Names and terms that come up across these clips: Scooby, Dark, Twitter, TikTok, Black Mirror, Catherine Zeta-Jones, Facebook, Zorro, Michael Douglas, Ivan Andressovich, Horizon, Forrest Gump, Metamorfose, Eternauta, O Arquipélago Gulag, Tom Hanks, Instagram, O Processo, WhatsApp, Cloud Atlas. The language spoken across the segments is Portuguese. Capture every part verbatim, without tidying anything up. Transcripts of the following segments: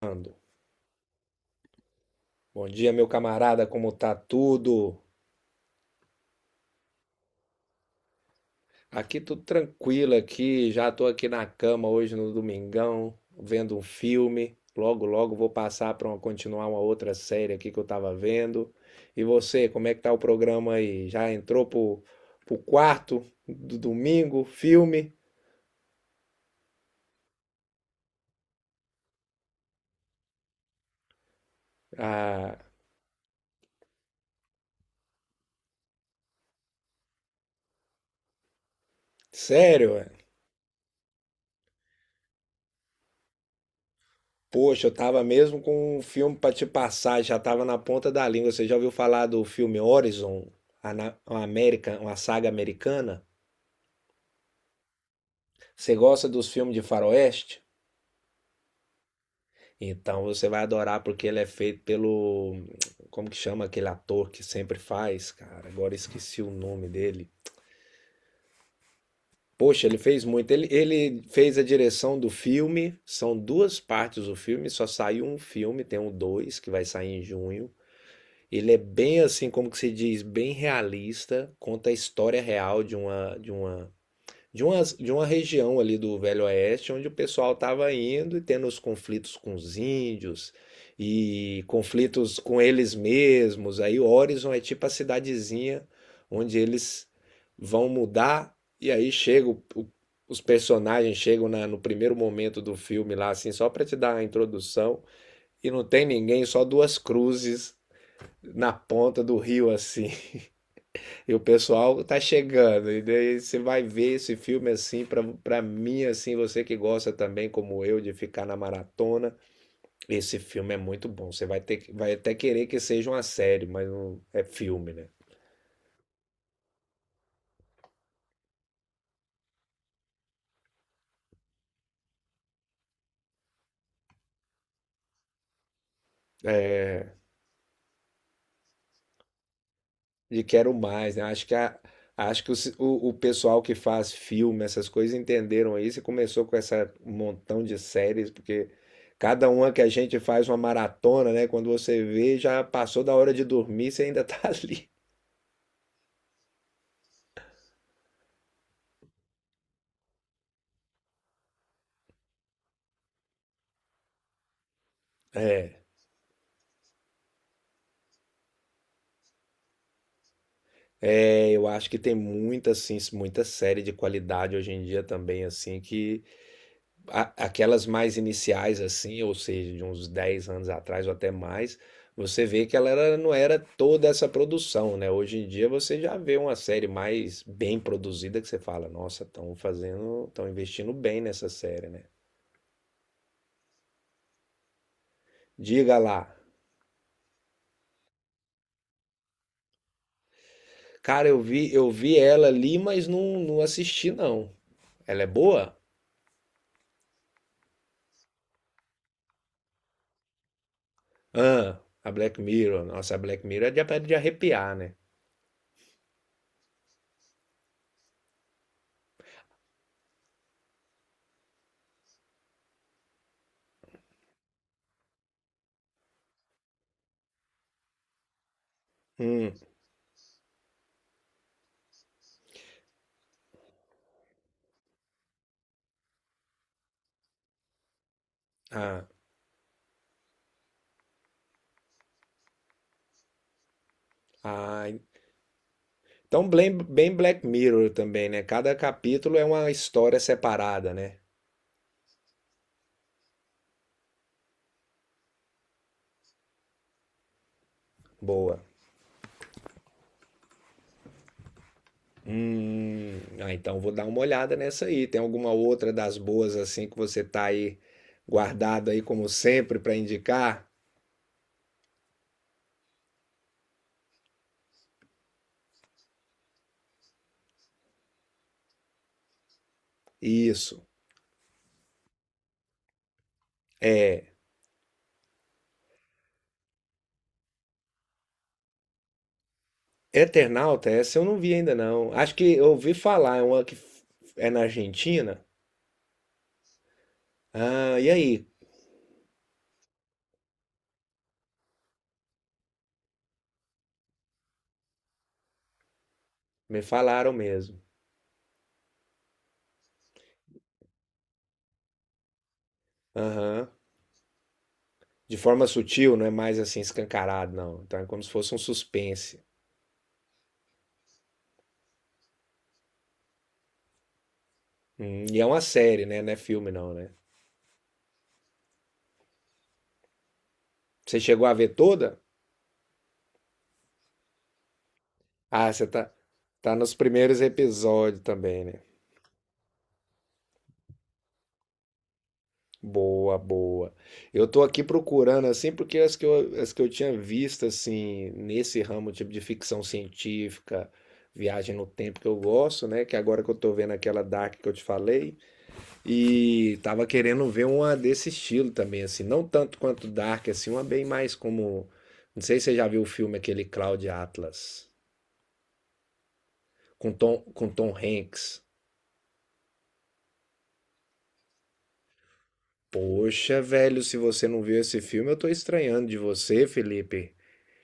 Ando. Bom dia, meu camarada, como tá tudo? Aqui tudo tranquilo aqui, já tô aqui na cama hoje no domingão, vendo um filme. Logo, logo vou passar para continuar uma outra série aqui que eu tava vendo. E você, como é que tá o programa aí? Já entrou pro, pro quarto do domingo, filme? Ah, sério? Poxa, eu tava mesmo com um filme pra te passar, já tava na ponta da língua. Você já ouviu falar do filme Horizon, a na- uma América, uma saga americana? Você gosta dos filmes de faroeste? Então você vai adorar porque ele é feito pelo, como que chama aquele ator que sempre faz, cara? Agora esqueci o nome dele. Poxa, ele fez muito. Ele, ele fez a direção do filme. São duas partes do filme, só saiu um filme, tem um dois que vai sair em junho. Ele é bem assim, como que se diz, bem realista, conta a história real de uma de uma de uma, de uma região ali do Velho Oeste, onde o pessoal estava indo e tendo os conflitos com os índios e conflitos com eles mesmos. Aí Horizon é tipo a cidadezinha onde eles vão mudar, e aí chega o- o- os personagens chegam na- no primeiro momento do filme lá assim, só para te dar a introdução, e não tem ninguém, só duas cruzes na ponta do rio assim. E o pessoal tá chegando. E daí você vai ver esse filme assim, para para mim assim, você que gosta também como eu de ficar na maratona, esse filme é muito bom. Você vai ter vai até querer que seja uma série, mas não é filme, né? É, de quero mais, né? Acho que a, acho que o, ci- o, o pessoal que faz filme, essas coisas, entenderam isso e começou com essa um montão de séries, porque cada uma que a gente faz uma maratona, né? Quando você vê, já passou da hora de dormir, você ainda tá ali. É. É, eu acho que tem muita, assim, muita série de qualidade hoje em dia também, assim, que A- aquelas mais iniciais assim, ou seja, de uns dez anos atrás ou até mais, você vê que ela era- não era toda essa produção, né? Hoje em dia você já vê uma série mais bem produzida que você fala, nossa, estão fazendo, estão investindo bem nessa série, né? Diga lá. Cara, eu vi, eu vi ela ali, mas não, não assisti não. Ela é boa? Ah, a Black Mirror. Nossa, a Black Mirror é de, é de arrepiar, né? Hum, ah, ah, então, bem, bem Black Mirror também, né? Cada capítulo é uma história separada, né? Boa. Hum, ah, então vou dar uma olhada nessa aí. Tem alguma outra das boas assim que você tá aí guardado aí como sempre para indicar? Isso. É, Eternauta, essa eu não vi ainda não. Acho que eu ouvi falar, é uma que f- é na Argentina. Ah, e aí? Me falaram mesmo. Aham. De forma sutil, não é mais assim escancarado, não. Então é como se fosse um suspense. Hum, e é uma série, né? Não é filme, não, né? Você chegou a ver toda? Ah, você tá, tá nos primeiros episódios também, né? Boa, boa. Eu tô aqui procurando, assim, porque as que eu, as que eu tinha visto, assim, nesse ramo, tipo de ficção científica, viagem no tempo que eu gosto, né? Que agora que eu tô vendo aquela Dark que eu te falei, e tava querendo ver uma desse estilo também, assim, não tanto quanto Dark, assim, uma bem mais como. Não sei se você já viu o filme aquele Cloud Atlas, com Tom, com Tom Hanks. Poxa, velho, se você não viu esse filme, eu tô estranhando de você, Felipe.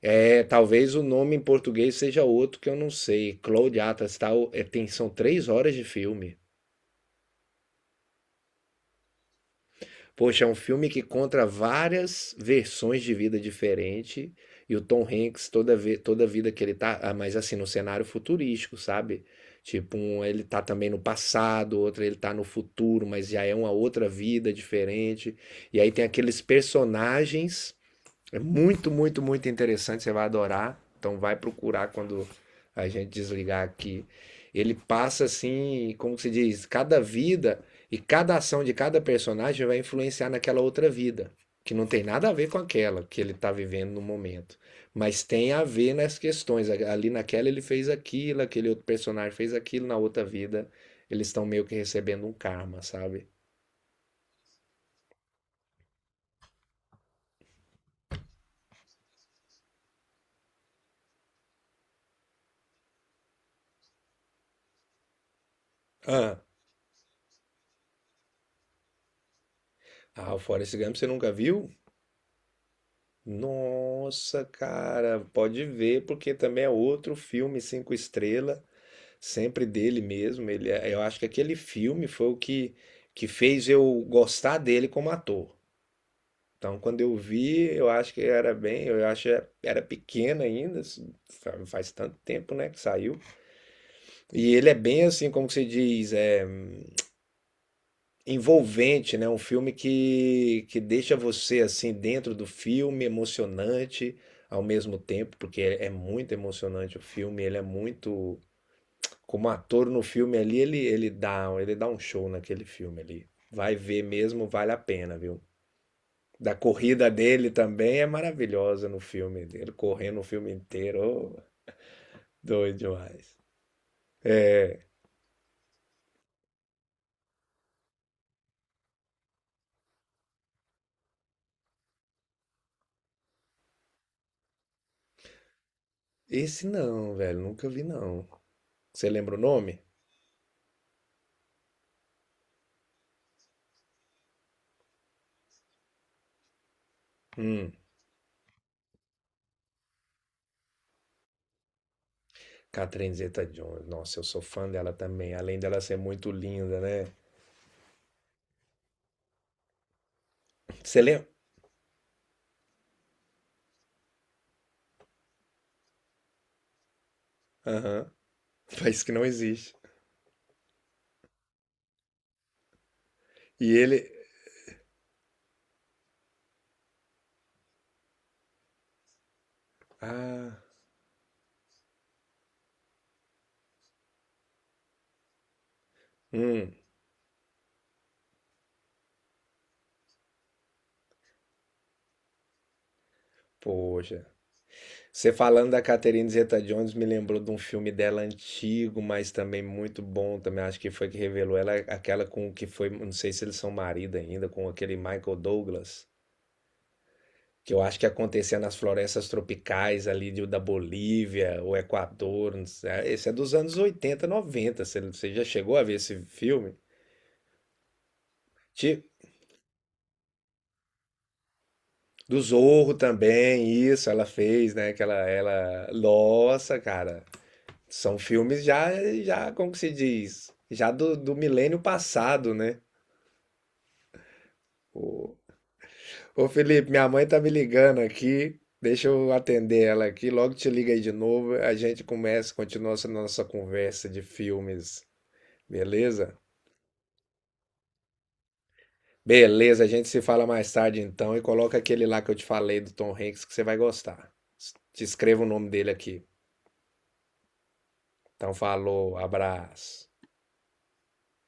É, talvez o nome em português seja outro que eu não sei. Cloud Atlas, tal, é, tem, são três horas de filme. Poxa, é um filme que conta várias versões de vida diferente, e o Tom Hanks toda vez, toda vida que ele tá, ah, mas assim, no cenário futurístico, sabe? Tipo, um, ele tá também no passado, outro ele tá no futuro, mas já é uma outra vida diferente. E aí tem aqueles personagens, é muito, muito, muito interessante. Você vai adorar. Então vai procurar quando a gente desligar aqui. Ele passa assim, como se diz, cada vida e cada ação de cada personagem vai influenciar naquela outra vida, que não tem nada a ver com aquela que ele está vivendo no momento, mas tem a ver nas questões. Ali naquela ele fez aquilo, aquele outro personagem fez aquilo, na outra vida eles estão meio que recebendo um karma, sabe? Ah, ah o Forrest Gump você nunca viu? Nossa, cara, pode ver, porque também é outro filme cinco estrela, sempre dele mesmo. Ele, é- eu acho que aquele filme foi o que, que fez eu gostar dele como ator. Então, quando eu vi, eu acho que era bem, eu acho que era era pequeno ainda, assim, fa- faz tanto tempo, né, que saiu. E ele é bem assim, como que se diz, é envolvente, né? Um filme que, que deixa você assim dentro do filme, emocionante ao mesmo tempo, porque é, é muito emocionante o filme, ele é muito como ator no filme ali, ele ele dá, ele dá um show naquele filme ali. Vai ver mesmo, vale a pena, viu? Da corrida dele também é maravilhosa no filme dele, correndo o filme inteiro, ô, doido demais. É, esse não, velho, nunca vi não. Você lembra o nome? Hum. Catherine Zeta-Jones, nossa, eu sou fã dela também, além dela ser muito linda, né? Você lembra? Aham, país que não existe. E ele. Ah, hum, poxa. Você falando da Catherine Zeta-Jones me lembrou de um filme dela antigo, mas também muito bom. Também acho que foi que revelou ela, aquela com o que foi, não sei se eles são marido ainda, com aquele Michael Douglas. Que eu acho que acontecia nas florestas tropicais ali de- da Bolívia, o Equador, não sei. É, esse é dos anos oitenta noventa. Você, você já chegou a ver esse filme? Ti- Do Zorro também, isso, ela fez, né? Que ela, ela... Nossa, cara. São filmes já, já, como que se diz? Já do, do milênio passado, né? Ô, ô Felipe, minha mãe tá me ligando aqui. Deixa eu atender ela aqui. Logo te liga aí de novo. A gente começa, continua essa nossa conversa de filmes. Beleza? Beleza, a gente se fala mais tarde então e coloca aquele lá que eu te falei do Tom Hanks que você vai gostar. Te escrevo o nome dele aqui. Então falou, abraço.